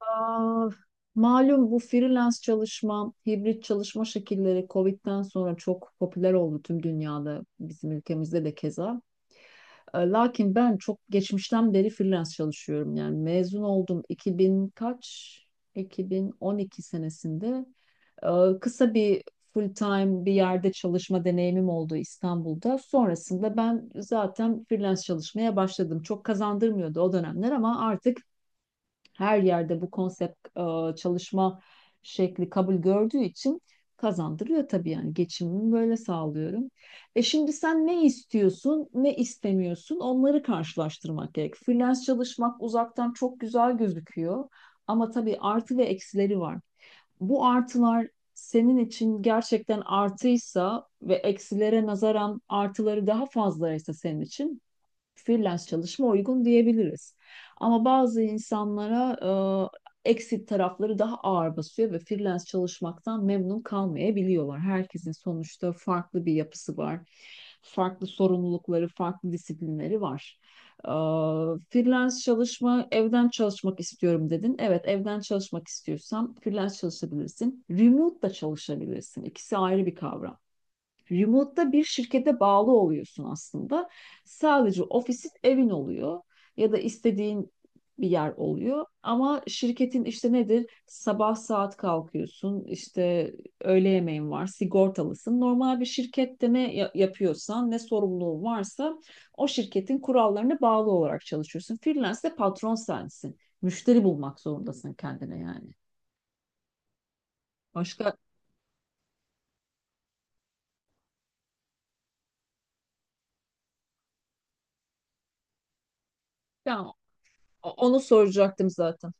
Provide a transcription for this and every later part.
Aa, Malum bu freelance çalışma, hibrit çalışma şekilleri Covid'den sonra çok popüler oldu tüm dünyada, bizim ülkemizde de keza. Lakin ben çok geçmişten beri freelance çalışıyorum. Yani mezun oldum 2000 kaç? 2012 senesinde. E, Kısa bir full time bir yerde çalışma deneyimim oldu İstanbul'da. Sonrasında ben zaten freelance çalışmaya başladım. Çok kazandırmıyordu o dönemler ama artık her yerde bu konsept çalışma şekli kabul gördüğü için kazandırıyor tabii yani geçimimi böyle sağlıyorum. E şimdi sen ne istiyorsun, ne istemiyorsun onları karşılaştırmak gerek. Freelance çalışmak uzaktan çok güzel gözüküyor ama tabii artı ve eksileri var. Bu artılar senin için gerçekten artıysa ve eksilere nazaran artıları daha fazlaysa senin için freelance çalışma uygun diyebiliriz. Ama bazı insanlara eksik tarafları daha ağır basıyor ve freelance çalışmaktan memnun kalmayabiliyorlar. Herkesin sonuçta farklı bir yapısı var. Farklı sorumlulukları, farklı disiplinleri var. E, freelance çalışma, evden çalışmak istiyorum dedin. Evet, evden çalışmak istiyorsan freelance çalışabilirsin. Remote da çalışabilirsin. İkisi ayrı bir kavram. Remote'da bir şirkete bağlı oluyorsun aslında. Sadece ofisin evin oluyor ya da istediğin bir yer oluyor. Ama şirketin işte nedir? Sabah saat kalkıyorsun, işte öğle yemeğin var, sigortalısın. Normal bir şirkette yapıyorsan, ne sorumluluğun varsa o şirketin kurallarına bağlı olarak çalışıyorsun. Freelance'de patron sensin. Müşteri bulmak zorundasın kendine yani. Başka, ya onu soracaktım zaten.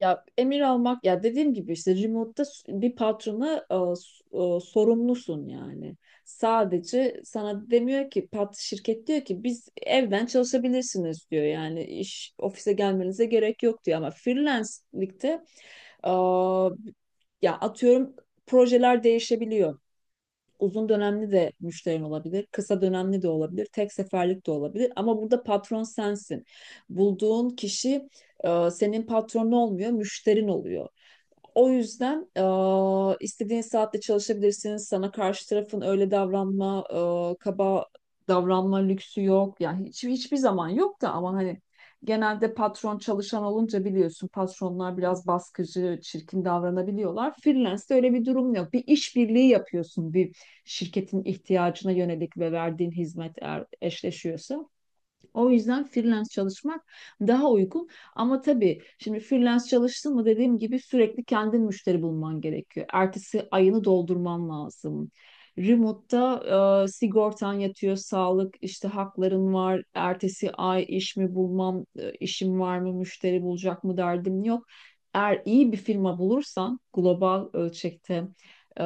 Ya emir almak ya dediğim gibi işte remote'da bir patrona sorumlusun yani. Sadece sana demiyor ki pat şirket diyor ki biz evden çalışabilirsiniz diyor. Yani iş ofise gelmenize gerek yok diyor ama freelance'likte e, ya atıyorum projeler değişebiliyor. Uzun dönemli de müşterin olabilir, kısa dönemli de olabilir, tek seferlik de olabilir. Ama burada patron sensin. Bulduğun kişi senin patronun olmuyor, müşterin oluyor. O yüzden istediğin saatte çalışabilirsiniz. Sana karşı tarafın öyle davranma, kaba davranma lüksü yok. Yani hiçbir zaman yok da ama hani genelde patron çalışan olunca biliyorsun patronlar biraz baskıcı, çirkin davranabiliyorlar. Freelance'de öyle bir durum yok. Bir işbirliği yapıyorsun bir şirketin ihtiyacına yönelik ve verdiğin hizmet eğer eşleşiyorsa. O yüzden freelance çalışmak daha uygun. Ama tabii şimdi freelance çalıştın mı dediğim gibi sürekli kendin müşteri bulman gerekiyor. Ertesi ayını doldurman lazım. Remote'da sigortan yatıyor, sağlık işte hakların var. Ertesi ay iş mi bulmam, işim var mı, müşteri bulacak mı derdim yok. Eğer iyi bir firma bulursan global ölçekte e,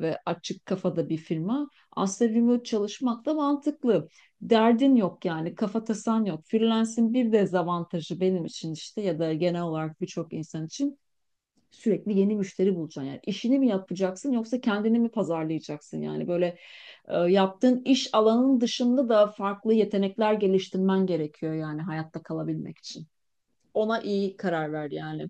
ve açık kafada bir firma aslında remote çalışmak da mantıklı derdin yok yani kafa tasan yok. Freelance'in bir dezavantajı benim için işte ya da genel olarak birçok insan için sürekli yeni müşteri bulacaksın. Yani işini mi yapacaksın yoksa kendini mi pazarlayacaksın? Yani böyle yaptığın iş alanının dışında da farklı yetenekler geliştirmen gerekiyor yani hayatta kalabilmek için ona iyi karar verdi yani.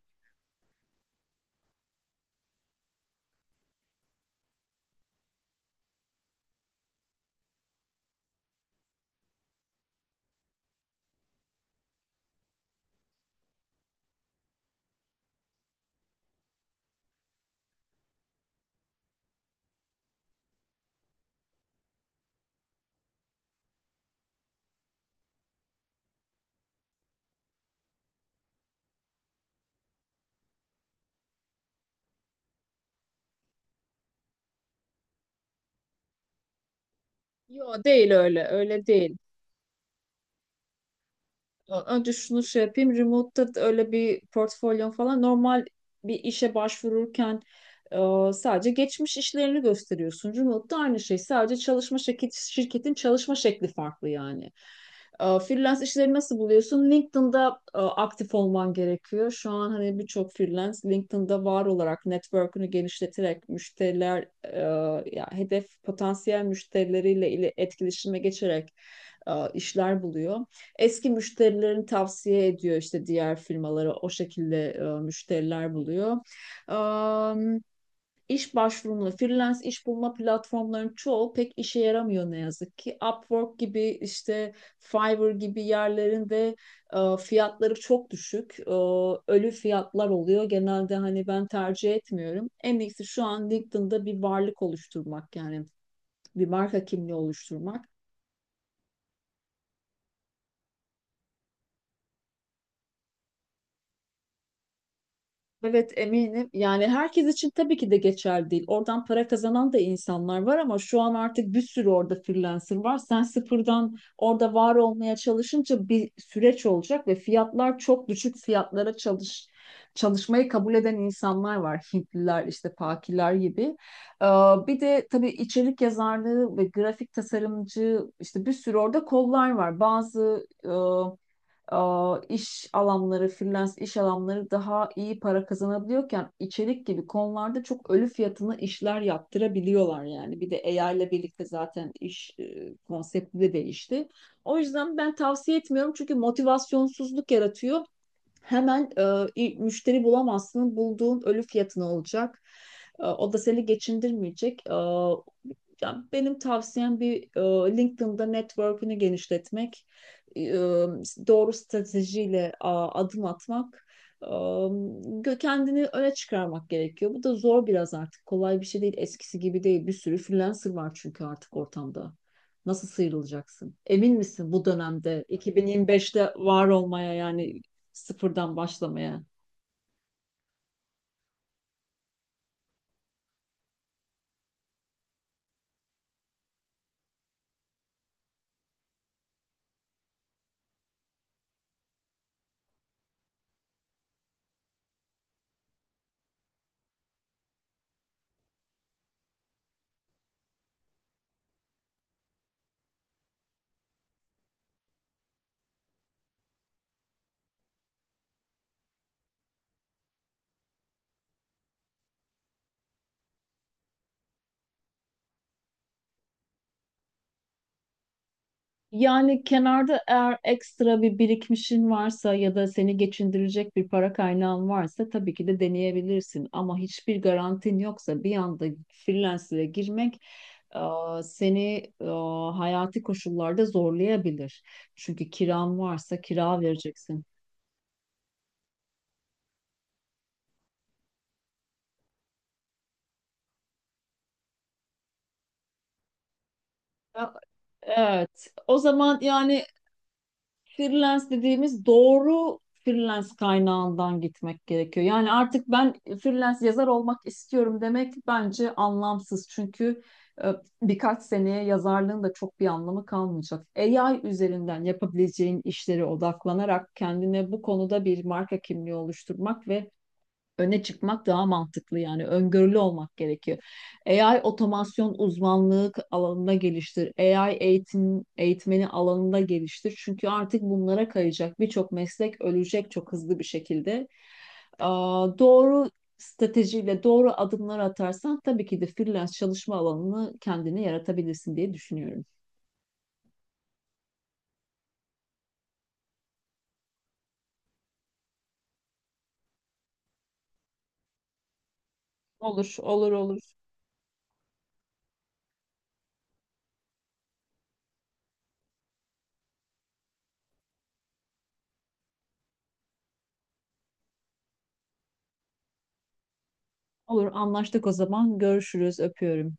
Yo değil öyle. Öyle değil. Önce şunu şey yapayım. Remote'da da öyle bir portfolyon falan normal bir işe başvururken sadece geçmiş işlerini gösteriyorsun. Remote'da aynı şey. Şirketin çalışma şekli farklı yani. Freelance işleri nasıl buluyorsun? LinkedIn'da aktif olman gerekiyor. Şu an hani birçok freelance LinkedIn'da var olarak network'ünü genişleterek ya hedef potansiyel müşterileriyle ile etkileşime geçerek işler buluyor eski müşterilerini tavsiye ediyor işte diğer firmalara o şekilde müşteriler buluyor. Am, iş başvurumla freelance iş bulma platformlarının çoğu pek işe yaramıyor ne yazık ki. Upwork gibi işte Fiverr gibi yerlerin de fiyatları çok düşük. Ölü fiyatlar oluyor. Genelde hani ben tercih etmiyorum. En iyisi şu an LinkedIn'da bir varlık oluşturmak yani bir marka kimliği oluşturmak. Evet eminim. Yani herkes için tabii ki de geçerli değil. Oradan para kazanan da insanlar var ama şu an artık bir sürü orada freelancer var. Sen sıfırdan orada var olmaya çalışınca bir süreç olacak ve fiyatlar çok düşük fiyatlara çalışmayı kabul eden insanlar var. Hintliler işte Pakiler gibi. Ee, bir de tabii içerik yazarlığı ve grafik tasarımcı işte bir sürü orada kollar var. Bazı e, freelance iş alanları daha iyi para kazanabiliyorken içerik gibi konularda çok ölü fiyatına işler yaptırabiliyorlar yani. Bir de AI ile birlikte zaten konsepti de değişti. O yüzden ben tavsiye etmiyorum çünkü motivasyonsuzluk yaratıyor. Hemen e, müşteri bulamazsın, bulduğun ölü fiyatına olacak. O da seni geçindirmeyecek. Ya benim tavsiyem LinkedIn'da network'ünü genişletmek, e, doğru stratejiyle adım atmak, kendini öne çıkarmak gerekiyor. Bu da zor biraz artık. Kolay bir şey değil. Eskisi gibi değil. Bir sürü freelancer var çünkü artık ortamda. Nasıl sıyrılacaksın? Emin misin bu dönemde 2025'te var olmaya yani sıfırdan başlamaya? Yani kenarda eğer ekstra bir birikmişin varsa ya da seni geçindirecek bir para kaynağın varsa tabii ki de deneyebilirsin. Ama hiçbir garantin yoksa bir anda freelancer'e girmek e, seni hayati koşullarda zorlayabilir. Çünkü kiran varsa kira vereceksin. Ya, Evet. O zaman yani freelance dediğimiz doğru freelance kaynağından gitmek gerekiyor. Yani artık ben freelance yazar olmak istiyorum demek bence anlamsız. Çünkü e, birkaç seneye yazarlığın da çok bir anlamı kalmayacak. AI üzerinden yapabileceğin işlere odaklanarak kendine bu konuda bir marka kimliği oluşturmak ve öne çıkmak daha mantıklı yani öngörülü olmak gerekiyor. AI otomasyon uzmanlık alanında geliştir. AI eğitim eğitmeni alanında geliştir. Çünkü artık bunlara kayacak birçok meslek ölecek çok hızlı bir şekilde. Doğru stratejiyle doğru adımlar atarsan tabii ki de freelance çalışma alanını kendine yaratabilirsin diye düşünüyorum. Olur, olur, olur. Olur, anlaştık o zaman. Görüşürüz, öpüyorum.